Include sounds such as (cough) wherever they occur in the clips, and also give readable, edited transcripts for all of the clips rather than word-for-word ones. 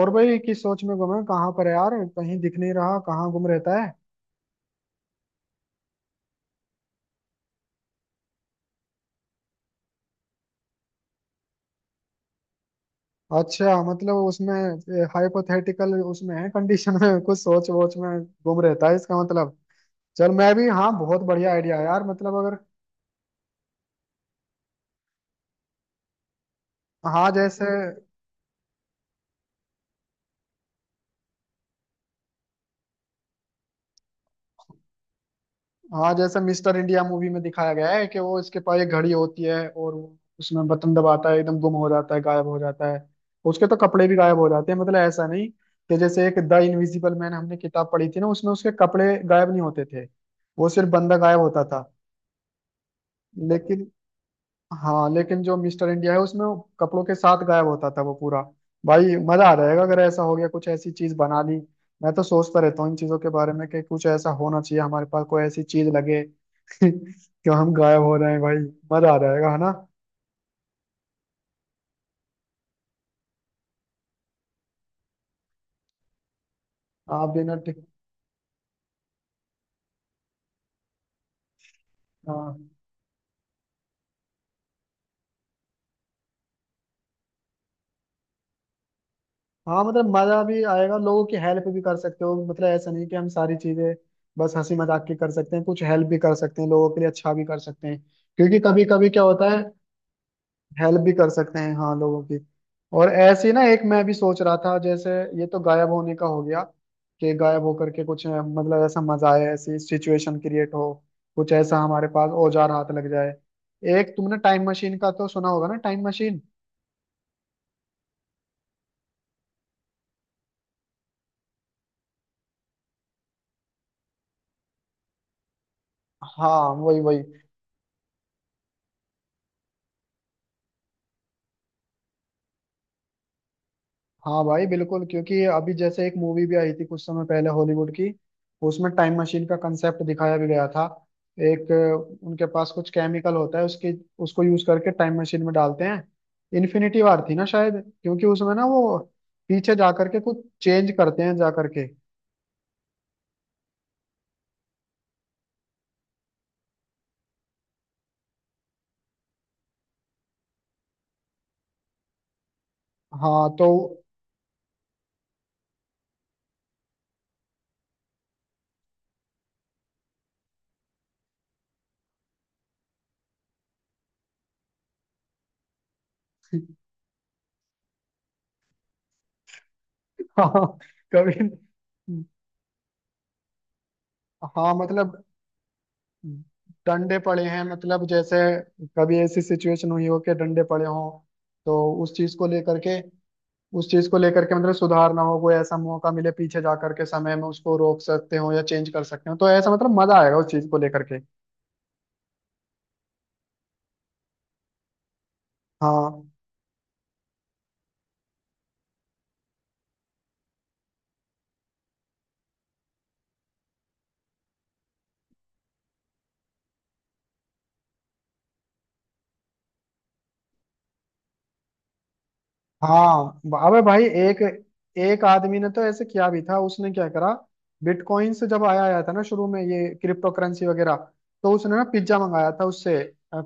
और भाई किस सोच में गुम है, कहाँ पर है यार। कहीं दिख नहीं रहा, कहाँ गुम रहता है। अच्छा, मतलब उसमें हाइपोथेटिकल उसमें है, कंडीशन में (laughs) कुछ सोच वोच में गुम रहता है, इसका मतलब। चल मैं भी, हाँ बहुत बढ़िया आइडिया है यार, मतलब अगर। हाँ जैसे। हाँ, जैसे मिस्टर इंडिया मूवी में दिखाया गया है कि वो इसके पास एक घड़ी होती है और वो उसमें बटन दबाता है, एकदम गुम हो जाता है, गायब हो जाता है। उसके तो कपड़े भी गायब हो जाते हैं, मतलब ऐसा नहीं कि जैसे एक द इनविजिबल मैन, हमने किताब पढ़ी थी ना, उसमें उसके कपड़े गायब नहीं होते थे। वो सिर्फ बंदा गायब होता था। लेकिन। हाँ, लेकिन जो मिस्टर इंडिया है उसमें वो कपड़ों के साथ गायब होता था, वो पूरा। भाई मजा आ जाएगा अगर ऐसा हो गया, कुछ ऐसी चीज बना ली। मैं तो सोचता रहता हूँ इन चीजों के बारे में कि कुछ ऐसा होना चाहिए हमारे पास, कोई ऐसी चीज लगे (laughs) कि हम गायब हो रहे हैं भाई। मजा आ जाएगा, है ना। आप बिना टिक। हाँ, हाँ, मतलब मजा भी आएगा, लोगों की हेल्प भी कर सकते हो, मतलब ऐसा नहीं कि हम सारी चीजें बस हंसी मजाक की कर सकते हैं, कुछ हेल्प भी कर सकते हैं लोगों के लिए, अच्छा भी कर सकते हैं। क्योंकि कभी कभी क्या होता है, हेल्प भी कर सकते हैं, हाँ, लोगों की। और ऐसे ही ना एक मैं भी सोच रहा था जैसे, ये तो गायब होने का हो गया, कि गायब होकर के कुछ मतलब ऐसा मजा आए, ऐसी सिचुएशन क्रिएट हो, कुछ ऐसा हमारे पास औजार हाथ लग जाए। एक, तुमने टाइम मशीन का तो सुना होगा ना, टाइम मशीन। हाँ, वही वही। हाँ भाई बिल्कुल, क्योंकि अभी जैसे एक मूवी भी आई थी कुछ समय पहले हॉलीवुड की, उसमें टाइम मशीन का कंसेप्ट दिखाया भी गया था। एक उनके पास कुछ केमिकल होता है उसके, उसको यूज करके टाइम मशीन में डालते हैं। इन्फिनिटी वार थी ना शायद, क्योंकि उसमें ना वो पीछे जा करके कुछ चेंज करते हैं जा करके। हाँ तो (laughs) हाँ। कभी। हाँ मतलब डंडे पड़े हैं, मतलब जैसे कभी ऐसी सिचुएशन हुई हो कि डंडे पड़े हों, तो उस चीज को लेकर के, मतलब सुधारना हो, कोई ऐसा मौका मिले पीछे जा करके समय में, उसको रोक सकते हो या चेंज कर सकते हो, तो ऐसा मतलब मजा आएगा उस चीज को लेकर के। हाँ, हाँ। अबे भाई, एक एक आदमी ने तो ऐसे किया भी था, उसने क्या करा, बिटकॉइन से जब आया आया था ना शुरू में, ये क्रिप्टो करेंसी वगैरह, तो उसने ना पिज्जा मंगाया था उससे,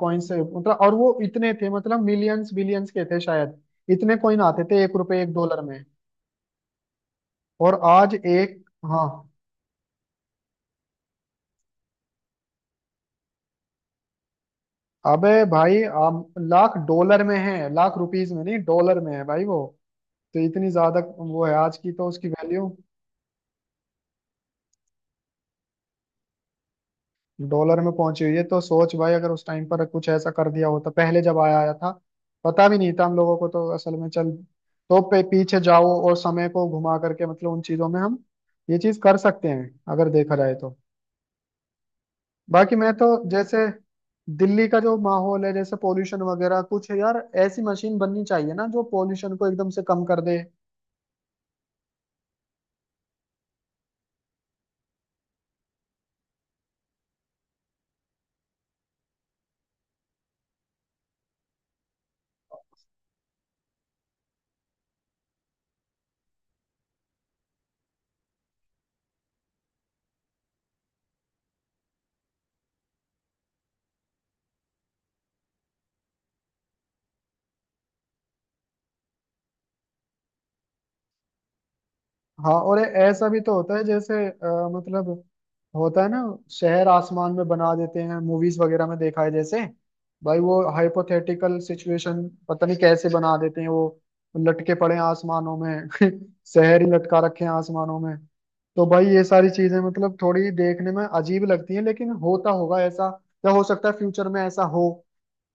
कॉइन से, मतलब। और वो इतने थे, मतलब मिलियंस बिलियंस के थे शायद, इतने कॉइन आते थे एक रुपए एक डॉलर में। और आज एक, हाँ। अबे भाई लाख डॉलर में है, लाख रुपीस में नहीं, डॉलर में है भाई वो। तो इतनी ज्यादा वो है आज की तो उसकी वैल्यू, डॉलर में पहुंची हुई है। तो सोच भाई, अगर उस टाइम पर कुछ ऐसा कर दिया होता पहले जब आया आया था, पता भी नहीं था हम लोगों को तो असल में, चल, तो पे पीछे जाओ और समय को घुमा करके, मतलब उन चीजों में हम ये चीज कर सकते हैं, अगर देखा जाए तो। बाकी मैं तो जैसे दिल्ली का जो माहौल है, जैसे पोल्यूशन वगैरह कुछ यार, ऐसी मशीन बननी चाहिए ना जो पोल्यूशन को एकदम से कम कर दे। हाँ, और ए-, ऐसा भी तो होता है, जैसे मतलब होता है ना, शहर आसमान में बना देते हैं मूवीज वगैरह में देखा है जैसे, भाई वो हाइपोथेटिकल सिचुएशन, पता नहीं कैसे बना देते हैं वो, लटके पड़े हैं आसमानों में (laughs) शहर ही लटका रखे हैं आसमानों में। तो भाई ये सारी चीजें, मतलब थोड़ी देखने में अजीब लगती हैं, लेकिन होता होगा ऐसा, या हो सकता है फ्यूचर में ऐसा हो।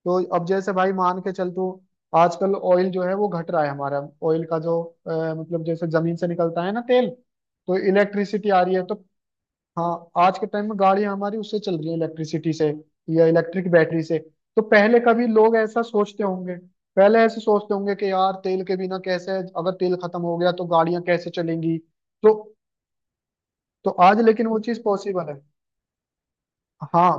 तो अब जैसे भाई मान के चल तू, आजकल ऑयल जो है वो घट रहा है हमारा, ऑयल का जो मतलब, जैसे जमीन से निकलता है ना तेल, तो इलेक्ट्रिसिटी आ रही है तो। हाँ, आज के टाइम में गाड़ियां हमारी उससे चल रही है, इलेक्ट्रिसिटी से या इलेक्ट्रिक बैटरी से। तो पहले कभी लोग ऐसा सोचते होंगे, पहले ऐसे सोचते होंगे कि यार तेल के बिना कैसे, अगर तेल खत्म हो गया तो गाड़ियां कैसे चलेंगी। तो तो आज लेकिन वो चीज पॉसिबल है। हाँ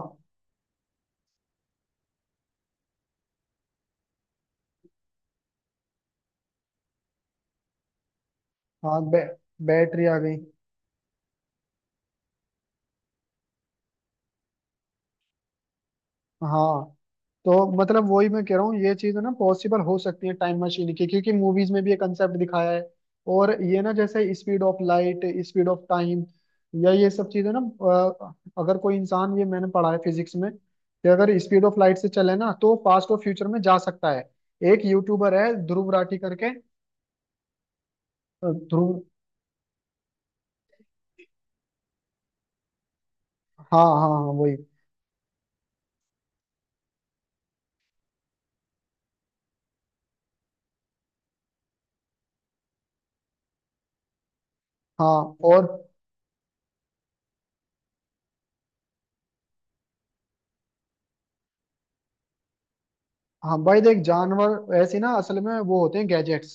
हाँ, बैटरी आ गई। हाँ, तो मतलब वही मैं कह रहा हूँ, ये चीज ना पॉसिबल हो सकती है टाइम मशीन की, क्योंकि मूवीज में भी ये कंसेप्ट दिखाया है। और ये ना जैसे speed of light, speed of time, या ये सब चीजें ना, अगर कोई इंसान, ये मैंने पढ़ा है फिजिक्स में, कि अगर स्पीड ऑफ लाइट से चले ना तो पास्ट और फ्यूचर में जा सकता है। एक यूट्यूबर है ध्रुव राठी करके, ध्रुव। हाँ, हाँ, हाँ, वही। हाँ। और, हाँ भाई देख, जानवर ऐसे ना असल में वो होते हैं गैजेट्स,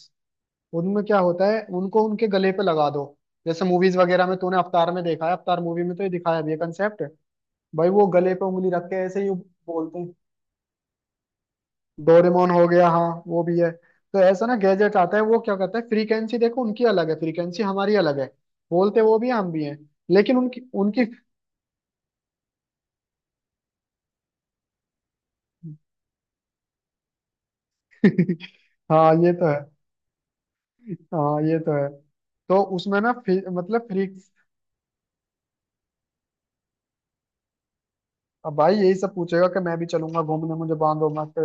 उनमें क्या होता है, उनको उनके गले पे लगा दो। जैसे मूवीज वगैरह में तूने अवतार में देखा है, अवतार मूवी में तो ये दिखाया भी है कंसेप्ट, भाई वो गले पे उंगली रख के ऐसे ही बोलते हैं। डोरेमोन हो गया, हाँ वो भी है, तो ऐसा ना गैजेट आता है, वो क्या करता है, फ्रीक्वेंसी देखो उनकी अलग है, फ्रीक्वेंसी हमारी अलग है। बोलते वो भी हैं, हम भी हैं, लेकिन उनकी उनकी। (laughs) हाँ, ये तो है। हाँ, ये तो है। तो उसमें ना मतलब फ्री। अब भाई यही सब पूछेगा कि मैं भी चलूंगा घूमने, मुझे बांधो मत,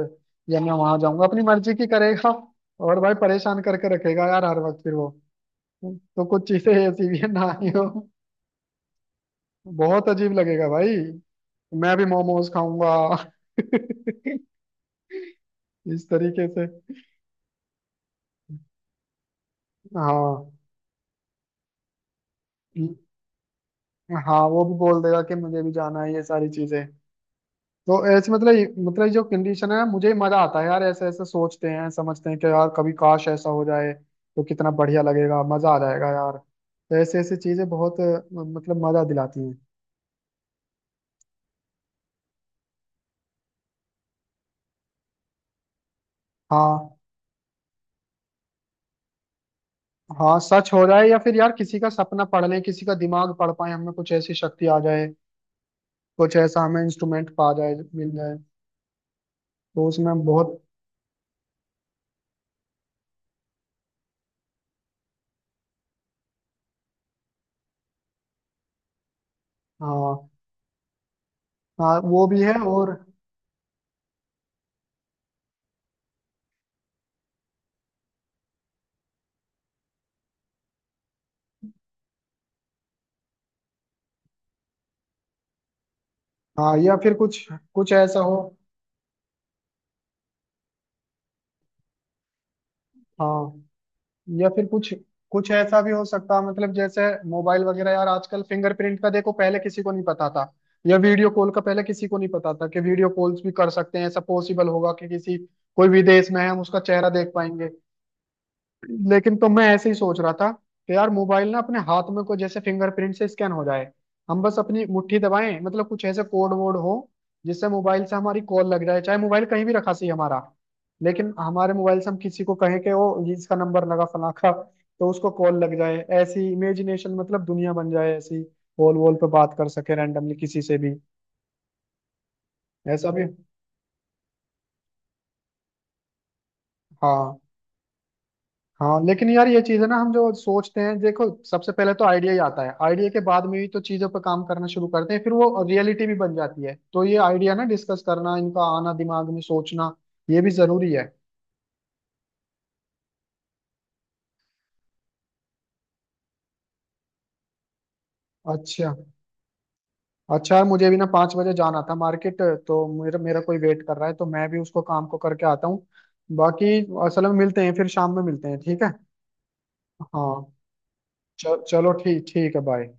या मैं वहां जाऊंगा, अपनी मर्जी की करेगा, और भाई परेशान करके रखेगा यार हर वक्त फिर वो। तो कुछ चीजें ऐसी भी है ना ही हो, बहुत अजीब लगेगा भाई। मैं भी मोमोज खाऊंगा। (laughs) इस तरीके से। हाँ, हाँ, वो भी बोल देगा कि मुझे भी जाना है, ये सारी चीजें। तो ऐसे मतलब जो कंडीशन है, मुझे ही मजा आता है यार, ऐसे ऐसे सोचते हैं, समझते हैं कि यार कभी काश ऐसा हो जाए, तो कितना बढ़िया लगेगा, मजा आ जाएगा यार। तो ऐसे ऐसे चीजें बहुत, मतलब मजा दिलाती हैं। हाँ, हाँ, सच हो जाए, या फिर यार किसी का सपना पढ़ लें, किसी का दिमाग पढ़ पाए, हमें कुछ ऐसी शक्ति आ जाए, कुछ ऐसा हमें इंस्ट्रूमेंट पा जाए, मिल जाए, तो उसमें बहुत। हाँ, हाँ वो भी है, और हाँ या फिर कुछ, कुछ ऐसा हो। हाँ या फिर कुछ, कुछ ऐसा भी हो सकता, मतलब जैसे मोबाइल वगैरह यार, आजकल फिंगरप्रिंट का देखो, पहले किसी को नहीं पता था, या वीडियो कॉल का पहले किसी को नहीं पता था कि वीडियो कॉल्स भी कर सकते हैं, ऐसा पॉसिबल होगा कि किसी, कोई विदेश में है हम उसका चेहरा देख पाएंगे। लेकिन तो मैं ऐसे ही सोच रहा था कि यार मोबाइल ना अपने हाथ में को जैसे फिंगरप्रिंट से स्कैन हो जाए, हम बस अपनी मुट्ठी दबाएं, मतलब कुछ ऐसे कोड वोड हो जिससे मोबाइल से हमारी कॉल लग जाए, चाहे मोबाइल कहीं भी रखा सही हमारा, लेकिन हमारे मोबाइल से हम किसी को कहें कि वो ये इसका नंबर लगा फलां का, तो उसको कॉल लग जाए, ऐसी इमेजिनेशन, मतलब दुनिया बन जाए ऐसी, वॉल वॉल पे बात कर सके रैंडमली किसी से भी, ऐसा भी। हाँ, हाँ, लेकिन यार ये चीज है ना, हम जो सोचते हैं देखो, सबसे पहले तो आइडिया ही आता है, आइडिया के बाद में भी तो चीजों पर काम करना शुरू करते हैं, फिर वो रियलिटी भी बन जाती है। तो ये आइडिया ना डिस्कस करना, इनका आना दिमाग में, सोचना, ये भी जरूरी है। अच्छा। अच्छा यार, मुझे भी ना 5 बजे जाना था मार्केट, तो मेरा मेरा कोई वेट कर रहा है, तो मैं भी उसको काम को करके आता हूँ। बाकी असल में मिलते हैं, फिर शाम में मिलते हैं, ठीक है। हाँ, चल, चलो, ठीक, ठीक है, बाय।